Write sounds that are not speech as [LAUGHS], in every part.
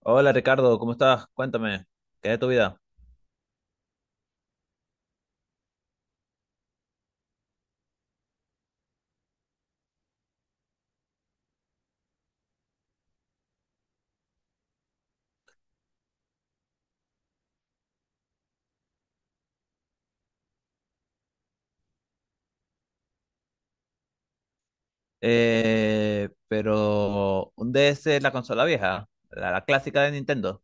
Hola Ricardo, ¿cómo estás? Cuéntame, ¿qué es de tu vida? Pero un DS es la consola vieja, la clásica de Nintendo.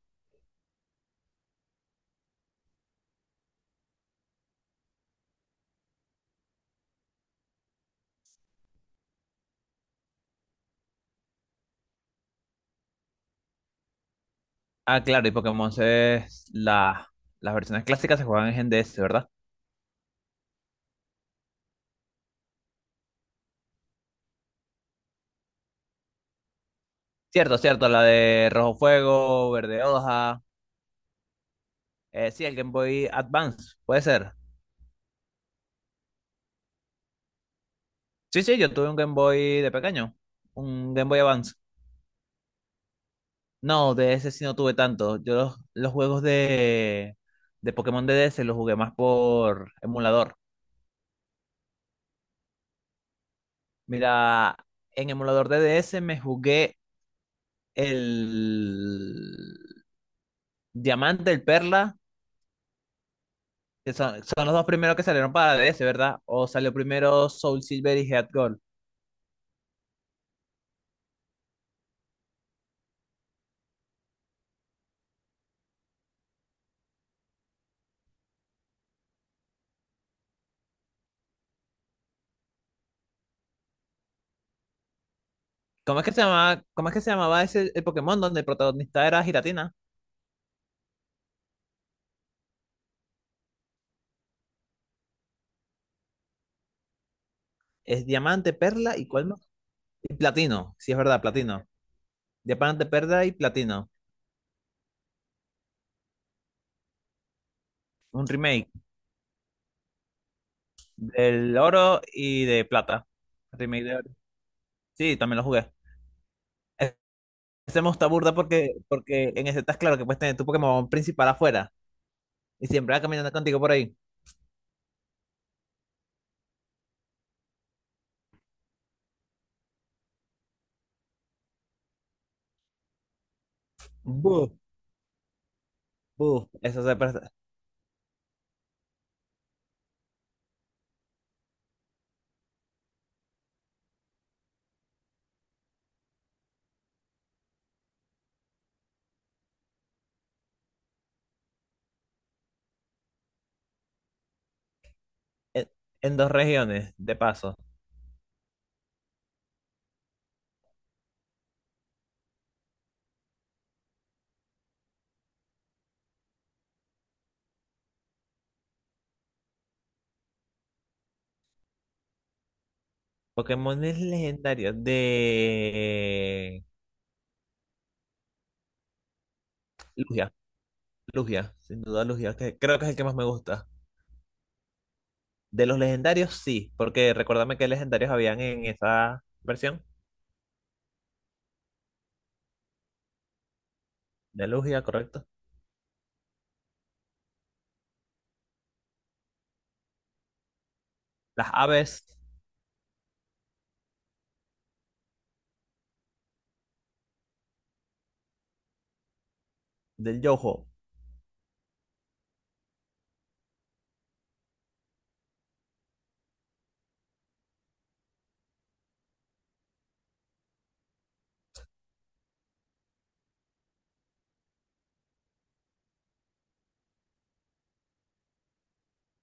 Ah, claro, y Pokémon es las versiones clásicas se juegan en DS, ¿verdad? Cierto, cierto, la de Rojo Fuego, Verde Hoja. Sí, el Game Boy Advance, puede ser. Sí, sí, yo tuve un Game Boy de pequeño, un Game Boy Advance. No, DS sí no tuve tanto. Yo los juegos de Pokémon de DS los jugué más por emulador. Mira, en emulador de DS me jugué el Diamante, el Perla, que son los dos primeros que salieron para DS, ¿verdad? O salió primero Soul Silver y Head Gold. ¿Cómo es que se llamaba ese el Pokémon donde el protagonista era Giratina? ¿Es Diamante, Perla y cuál más? Y Platino, sí es verdad, Platino. Diamante, Perla y Platino. Un remake del Oro y de Plata. Remake de Oro. Sí, también lo jugué. Hacemos esta burda porque, porque en ese estás claro que puedes tener tu Pokémon principal afuera y siempre va caminando contigo por ahí. Buf, buf. En, en dos regiones, de paso. Pokémon legendarios de Lugia. Lugia, sin duda Lugia, que creo que es el que más me gusta. De los legendarios, sí, porque recuérdame qué legendarios habían en esa versión de Lugia, correcto. Las aves del Yoho.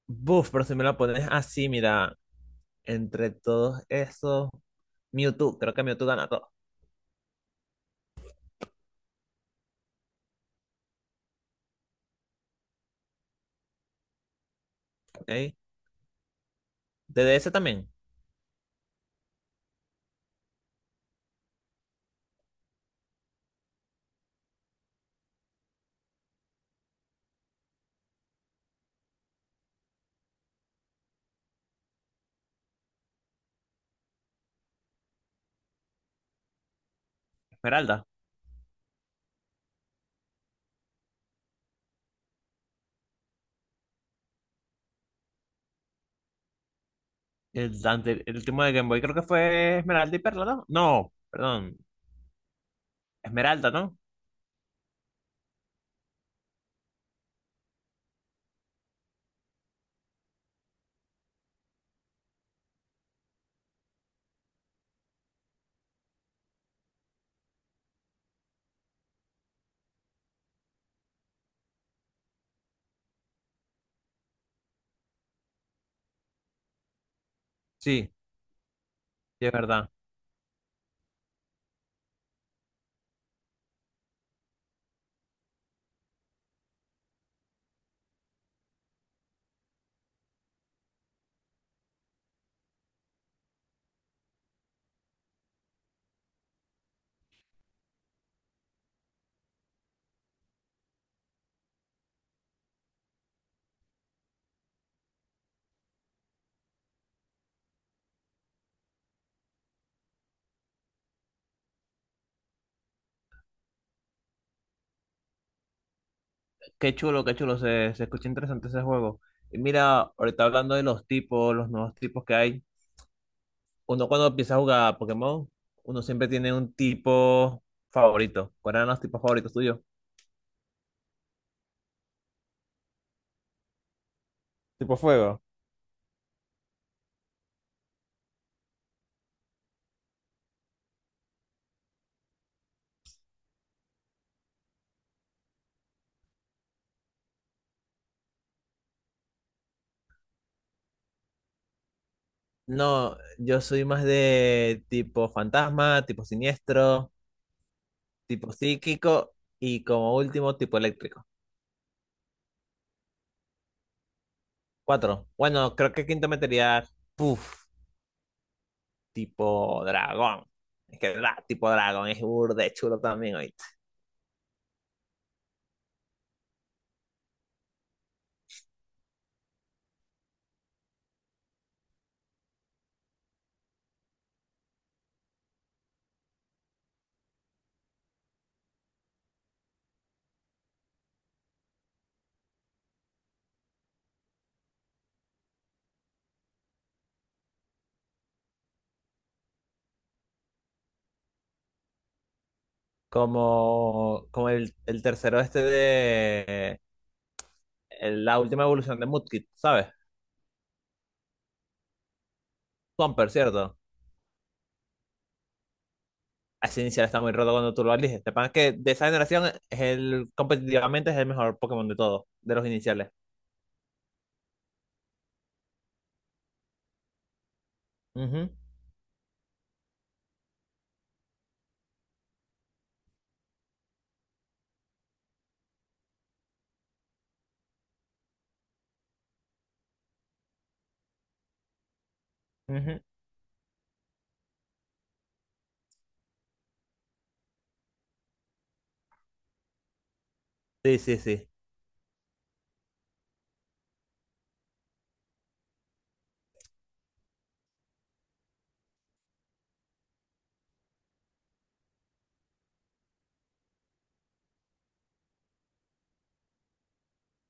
Buf, pero si me la pones así, mira. Entre todos esos, Mewtwo, creo que Mewtwo gana todo. ¿Ok? De D S también, Esmeralda. El último de Game Boy creo que fue Esmeralda y Perla, ¿no? No, perdón, Esmeralda, ¿no? Sí, sí, es verdad. Qué chulo, se escucha interesante ese juego. Y mira, ahorita hablando de los tipos, los nuevos tipos que hay, uno cuando empieza a jugar a Pokémon, uno siempre tiene un tipo favorito. ¿Cuáles eran los tipos favoritos tuyos? Tipo fuego. No, yo soy más de tipo fantasma, tipo siniestro, tipo psíquico y como último tipo eléctrico. Cuatro. Bueno, creo que quinto metería, puf, tipo dragón. Es que tipo dragón es burde chulo también oíste. Como el tercero este de la última evolución de Mudkip, ¿sabes? Swampert, ¿cierto? Ese inicial está muy roto cuando tú lo eliges. Te pasa que de esa generación es el competitivamente es el mejor Pokémon de todos, de los iniciales. Ujú, ujú. Sí, sí, sí.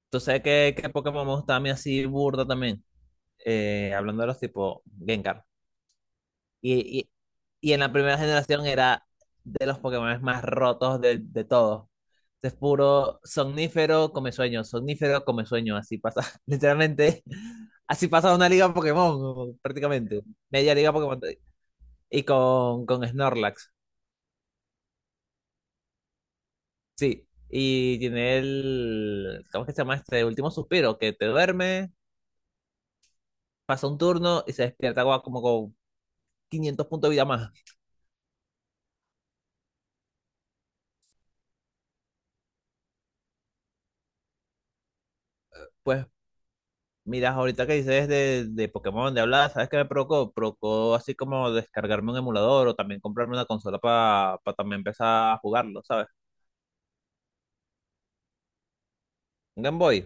¿Tú sabes qué Pokémon me gusta a mí así burda también? Hablando de los tipo Gengar. Y, y, y en la primera generación era de los Pokémon más rotos de todos. Es puro somnífero, come sueño, somnífero, come sueño. Así pasa, [LAUGHS] literalmente, así pasa una liga Pokémon, prácticamente. Media liga Pokémon. Y con Snorlax, sí. Y tiene ¿cómo es que se llama este último suspiro? Que te duerme, pasa un turno y se despierta como, como con 500 puntos de vida más. Pues miras ahorita que dices de Pokémon, de hablar, ¿sabes qué me provocó? Provocó así como descargarme un emulador o también comprarme una consola para también empezar a jugarlo, ¿sabes? Un Game Boy.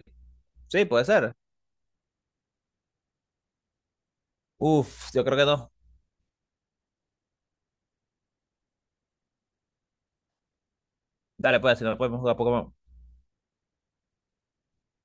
Sí, puede ser. Uf, yo creo que no. Dale, pues, si no podemos jugar Pokémon.